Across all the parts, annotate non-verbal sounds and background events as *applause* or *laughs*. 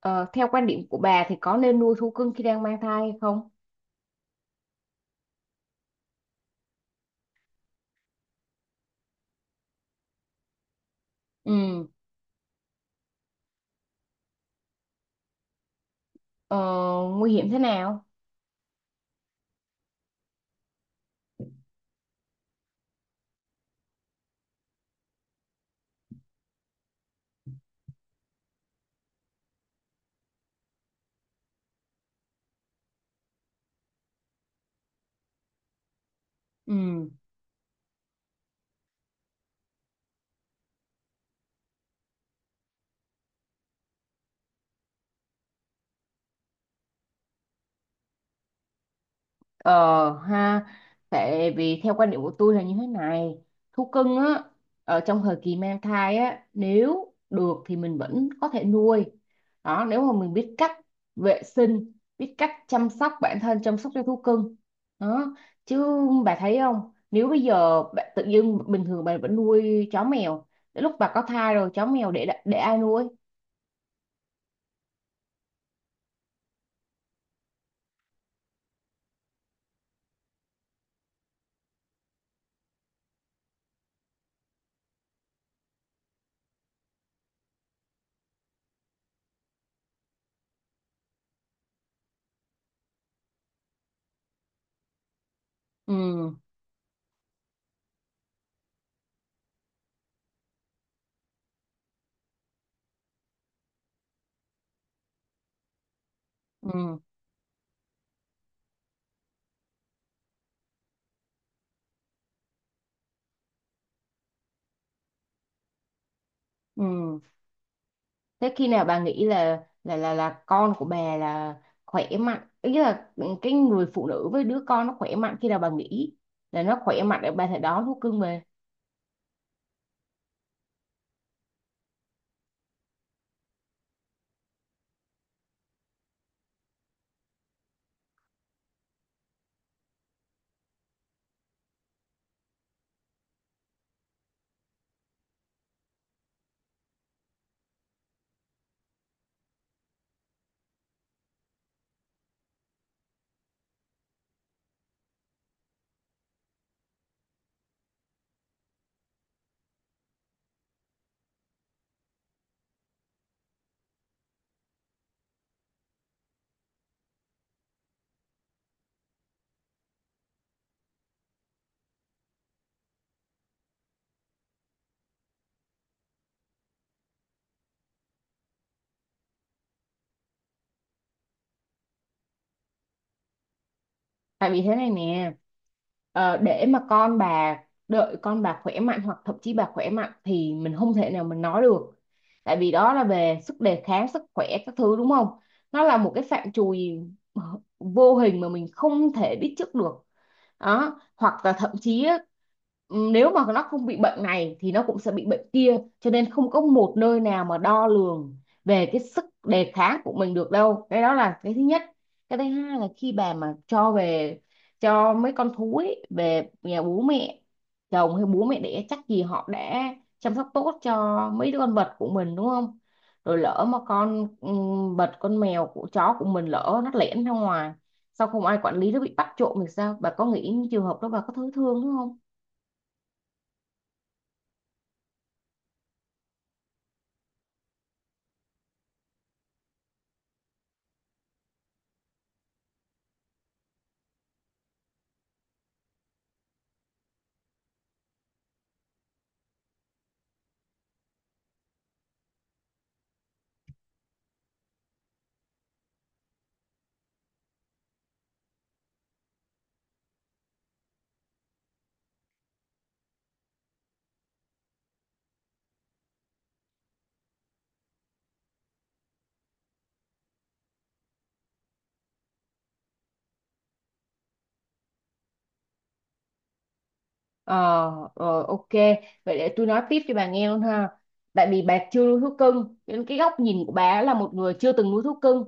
Ờ, Theo quan điểm của bà thì có nên nuôi thú cưng khi đang mang thai hay không? Ừ. ờ, Nguy hiểm thế nào? Ừ. Ờ ha, Tại vì theo quan điểm của tôi là như thế này, thú cưng á, ở trong thời kỳ mang thai á, nếu được thì mình vẫn có thể nuôi. Đó, nếu mà mình biết cách vệ sinh, biết cách chăm sóc bản thân, chăm sóc cho thú cưng. Đó, chứ bà thấy không, nếu bây giờ bạn tự dưng bình thường bà vẫn nuôi chó mèo, đến lúc bà có thai rồi chó mèo để ai nuôi? Ừ, ừ, ừ. Thế khi nào bà nghĩ là con của bà là khỏe mạnh, ý là cái người phụ nữ với đứa con nó khỏe mạnh, khi nào bà nghĩ là nó khỏe mạnh để bà thể đón thú cưng về? Tại vì thế này nè, để mà con bà đợi con bà khỏe mạnh, hoặc thậm chí bà khỏe mạnh thì mình không thể nào mình nói được. Tại vì đó là về sức đề kháng sức khỏe các thứ, đúng không? Nó là một cái phạm trù vô hình mà mình không thể biết trước được. Đó, hoặc là thậm chí á, nếu mà nó không bị bệnh này thì nó cũng sẽ bị bệnh kia, cho nên không có một nơi nào mà đo lường về cái sức đề kháng của mình được đâu. Cái đó là cái thứ nhất. Cái thứ hai là khi bà mà cho về, cho mấy con thú ấy về nhà bố mẹ chồng hay bố mẹ đẻ, chắc gì họ đã chăm sóc tốt cho mấy đứa con vật của mình, đúng không? Rồi lỡ mà con vật, con mèo của chó của mình lỡ nó lẻn ra ngoài, sao không ai quản lý, nó bị bắt trộm thì sao? Bà có nghĩ những trường hợp đó, bà có thấy thương đúng không? ờ Rồi, ok, vậy để tôi nói tiếp cho bà nghe luôn ha. Tại vì bà chưa nuôi thú cưng nên cái góc nhìn của bà là một người chưa từng nuôi thú cưng,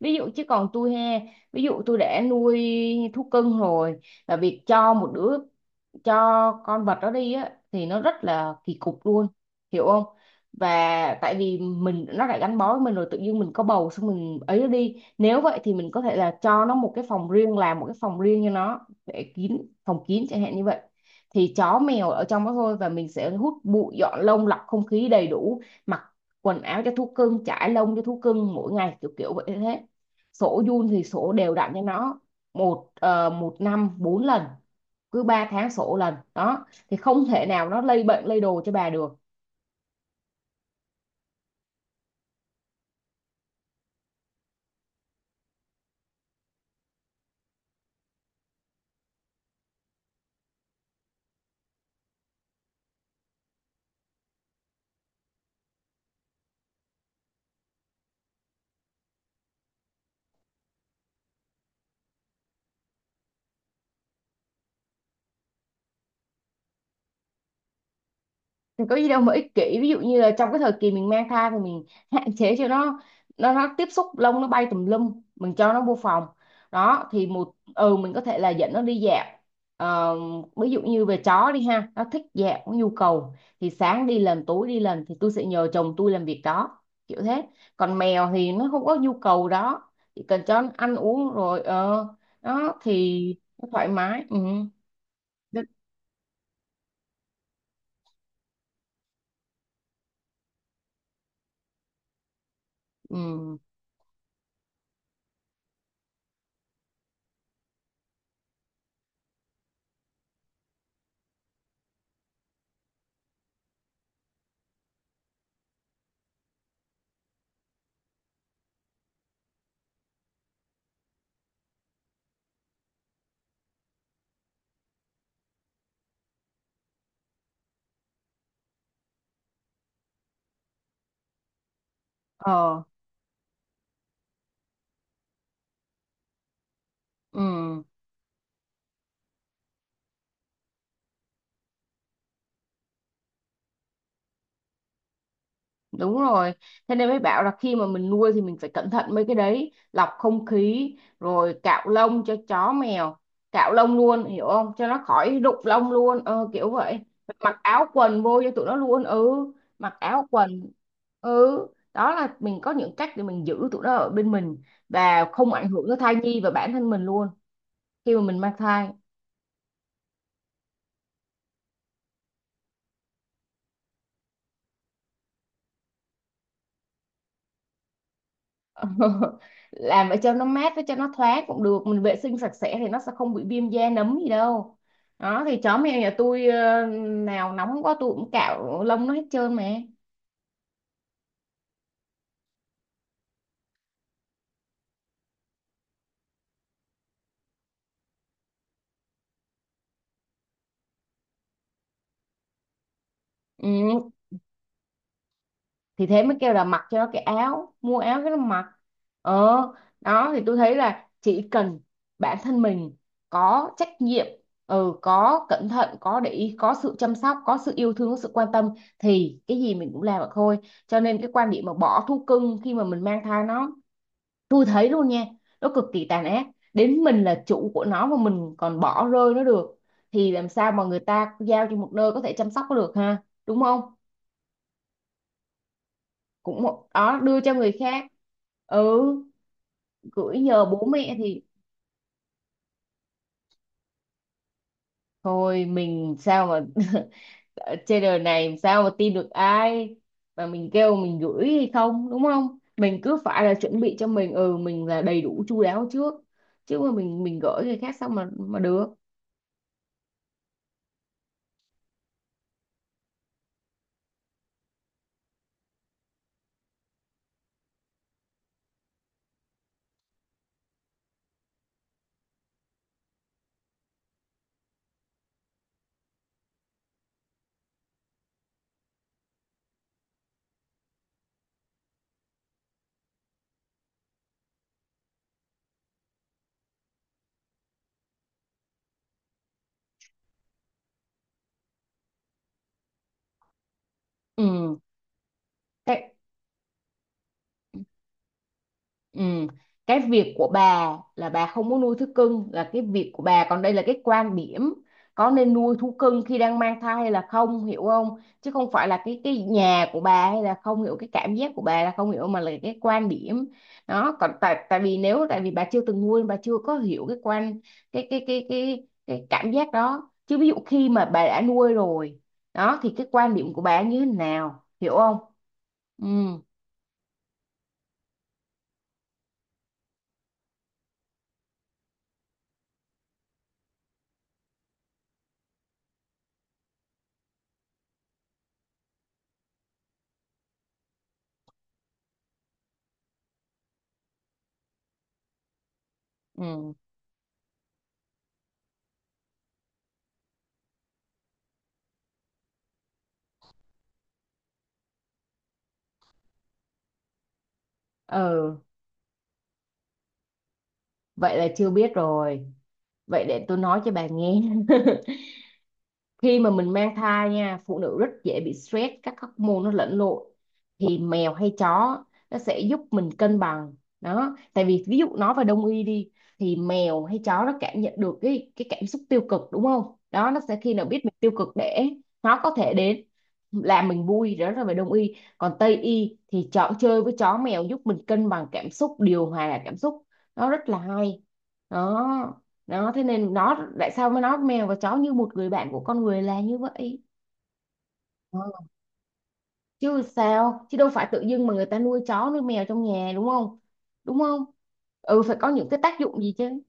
ví dụ. Chứ còn tôi he, ví dụ tôi đã nuôi thú cưng rồi, và việc cho một đứa cho con vật đó đi á thì nó rất là kỳ cục luôn, hiểu không? Và tại vì mình nó đã gắn bó với mình rồi, tự nhiên mình có bầu xong mình ấy nó đi, nếu vậy thì mình có thể là cho nó một cái phòng riêng, làm một cái phòng riêng cho nó để kín, phòng kín chẳng hạn như vậy. Thì chó mèo ở trong đó thôi, và mình sẽ hút bụi, dọn lông, lọc không khí đầy đủ, mặc quần áo cho thú cưng, chải lông cho thú cưng mỗi ngày, kiểu kiểu vậy thế. Sổ giun thì sổ đều đặn cho nó một năm bốn lần, cứ 3 tháng sổ lần đó thì không thể nào nó lây bệnh lây đồ cho bà được. Thì có gì đâu mà ích kỷ, ví dụ như là trong cái thời kỳ mình mang thai thì mình hạn chế cho nó tiếp xúc lông, nó bay tùm lum, mình cho nó vô phòng đó thì một ừ mình có thể là dẫn nó đi dạo. Ờ, Ví dụ như về chó đi ha, nó thích dạo có nhu cầu thì sáng đi lần, tối đi lần, thì tôi sẽ nhờ chồng tôi làm việc đó, kiểu thế. Còn mèo thì nó không có nhu cầu đó, chỉ cần cho nó ăn uống rồi, đó thì nó thoải mái. Ừ. Rất- ừ. ờ ừ. Đúng rồi. Thế nên mới bảo là khi mà mình nuôi thì mình phải cẩn thận mấy cái đấy, lọc không khí, rồi cạo lông cho chó mèo, cạo lông luôn, hiểu không? Cho nó khỏi rụng lông luôn, kiểu vậy. Mặc áo quần vô cho tụi nó luôn, ừ, mặc áo quần. Ừ, đó là mình có những cách để mình giữ tụi nó ở bên mình và không ảnh hưởng tới thai nhi và bản thân mình luôn khi mà mình mang thai. *laughs* Làm ở cho nó mát với cho nó thoáng cũng được, mình vệ sinh sạch sẽ thì nó sẽ không bị viêm da nấm gì đâu. Đó thì chó mèo nhà tôi, nào nóng quá tôi cũng cạo lông nó hết trơn mà. Ừ, thì thế mới kêu là mặc cho nó cái áo, mua áo cái nó mặc. ờ Đó thì tôi thấy là chỉ cần bản thân mình có trách nhiệm, ừ, có cẩn thận, có để ý, có sự chăm sóc, có sự yêu thương, có sự quan tâm thì cái gì mình cũng làm được thôi. Cho nên cái quan điểm mà bỏ thú cưng khi mà mình mang thai, nó tôi thấy luôn nha, nó cực kỳ tàn ác. Đến mình là chủ của nó mà mình còn bỏ rơi nó được thì làm sao mà người ta giao cho một nơi có thể chăm sóc nó được ha, đúng không? Cũng một đó, đưa cho người khác. Ừ, gửi nhờ bố mẹ thì thôi, mình sao mà *laughs* ở trên đời này làm sao mà tin được ai mà mình kêu mình gửi hay không, đúng không? Mình cứ phải là chuẩn bị cho mình là đầy đủ chu đáo trước, chứ mà mình gửi người khác sao mà được. Ừ. Thế- Ừ. Cái việc của bà là bà không muốn nuôi thú cưng là cái việc của bà, còn đây là cái quan điểm có nên nuôi thú cưng khi đang mang thai hay là không, hiểu không? Chứ không phải là cái nhà của bà hay là không hiểu cái cảm giác của bà là không hiểu, mà là cái quan điểm. Đó, còn tại tại vì nếu tại vì bà chưa từng nuôi, bà chưa có hiểu cái quan cái cảm giác đó, chứ ví dụ khi mà bà đã nuôi rồi đó thì cái quan điểm của bà như thế nào, hiểu không? Ừ, ừ, ừ. Vậy là chưa biết rồi. Vậy để tôi nói cho bà nghe. *laughs* Khi mà mình mang thai nha, phụ nữ rất dễ bị stress, các hormone nó lẫn lộn. Thì mèo hay chó nó sẽ giúp mình cân bằng. Đó, tại vì ví dụ nói về đông y đi, thì mèo hay chó nó cảm nhận được cái cảm xúc tiêu cực, đúng không? Đó, nó sẽ khi nào biết mình tiêu cực để nó có thể đến làm mình vui, đó là về đông y. Còn tây y thì chọn chơi với chó mèo giúp mình cân bằng cảm xúc, điều hòa cảm xúc. Nó rất là hay. Đó, đó thế nên nó tại sao mà nó mèo và chó như một người bạn của con người là như vậy. Ờ, Chứ sao, chứ đâu phải tự dưng mà người ta nuôi chó nuôi mèo trong nhà đúng không, đúng không? Ừ, phải có những cái tác dụng gì chứ.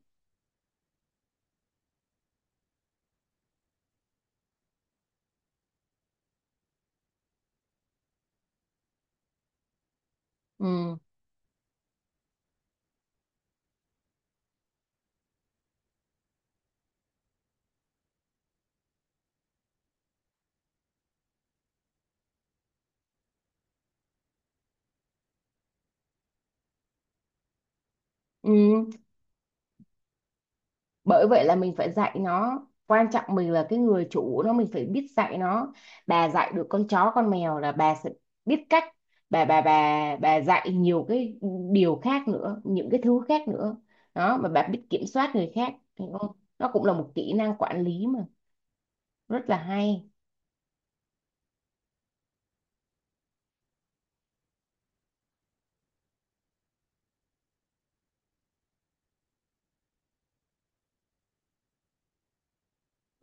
Ừ, ừ. Bởi vậy là mình phải dạy nó, quan trọng mình là cái người chủ nó, mình phải biết dạy nó. Bà dạy được con chó con mèo là bà sẽ biết cách, bà dạy nhiều cái điều khác nữa, những cái thứ khác nữa. Đó, mà bà biết kiểm soát người khác, hiểu không, nó cũng là một kỹ năng quản lý mà, rất là hay.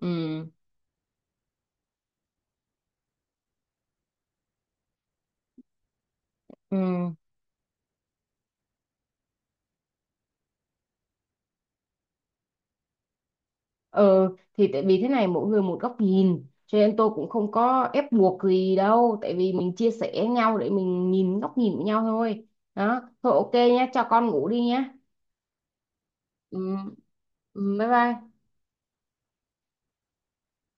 Ừ, ừ. Ờ thì tại vì thế này, mỗi người một góc nhìn cho nên tôi cũng không có ép buộc gì đâu, tại vì mình chia sẻ nhau để mình nhìn góc nhìn của nhau thôi. Đó thôi, ok nhá, cho con ngủ đi nhá. Ừ, ừ, bye bye.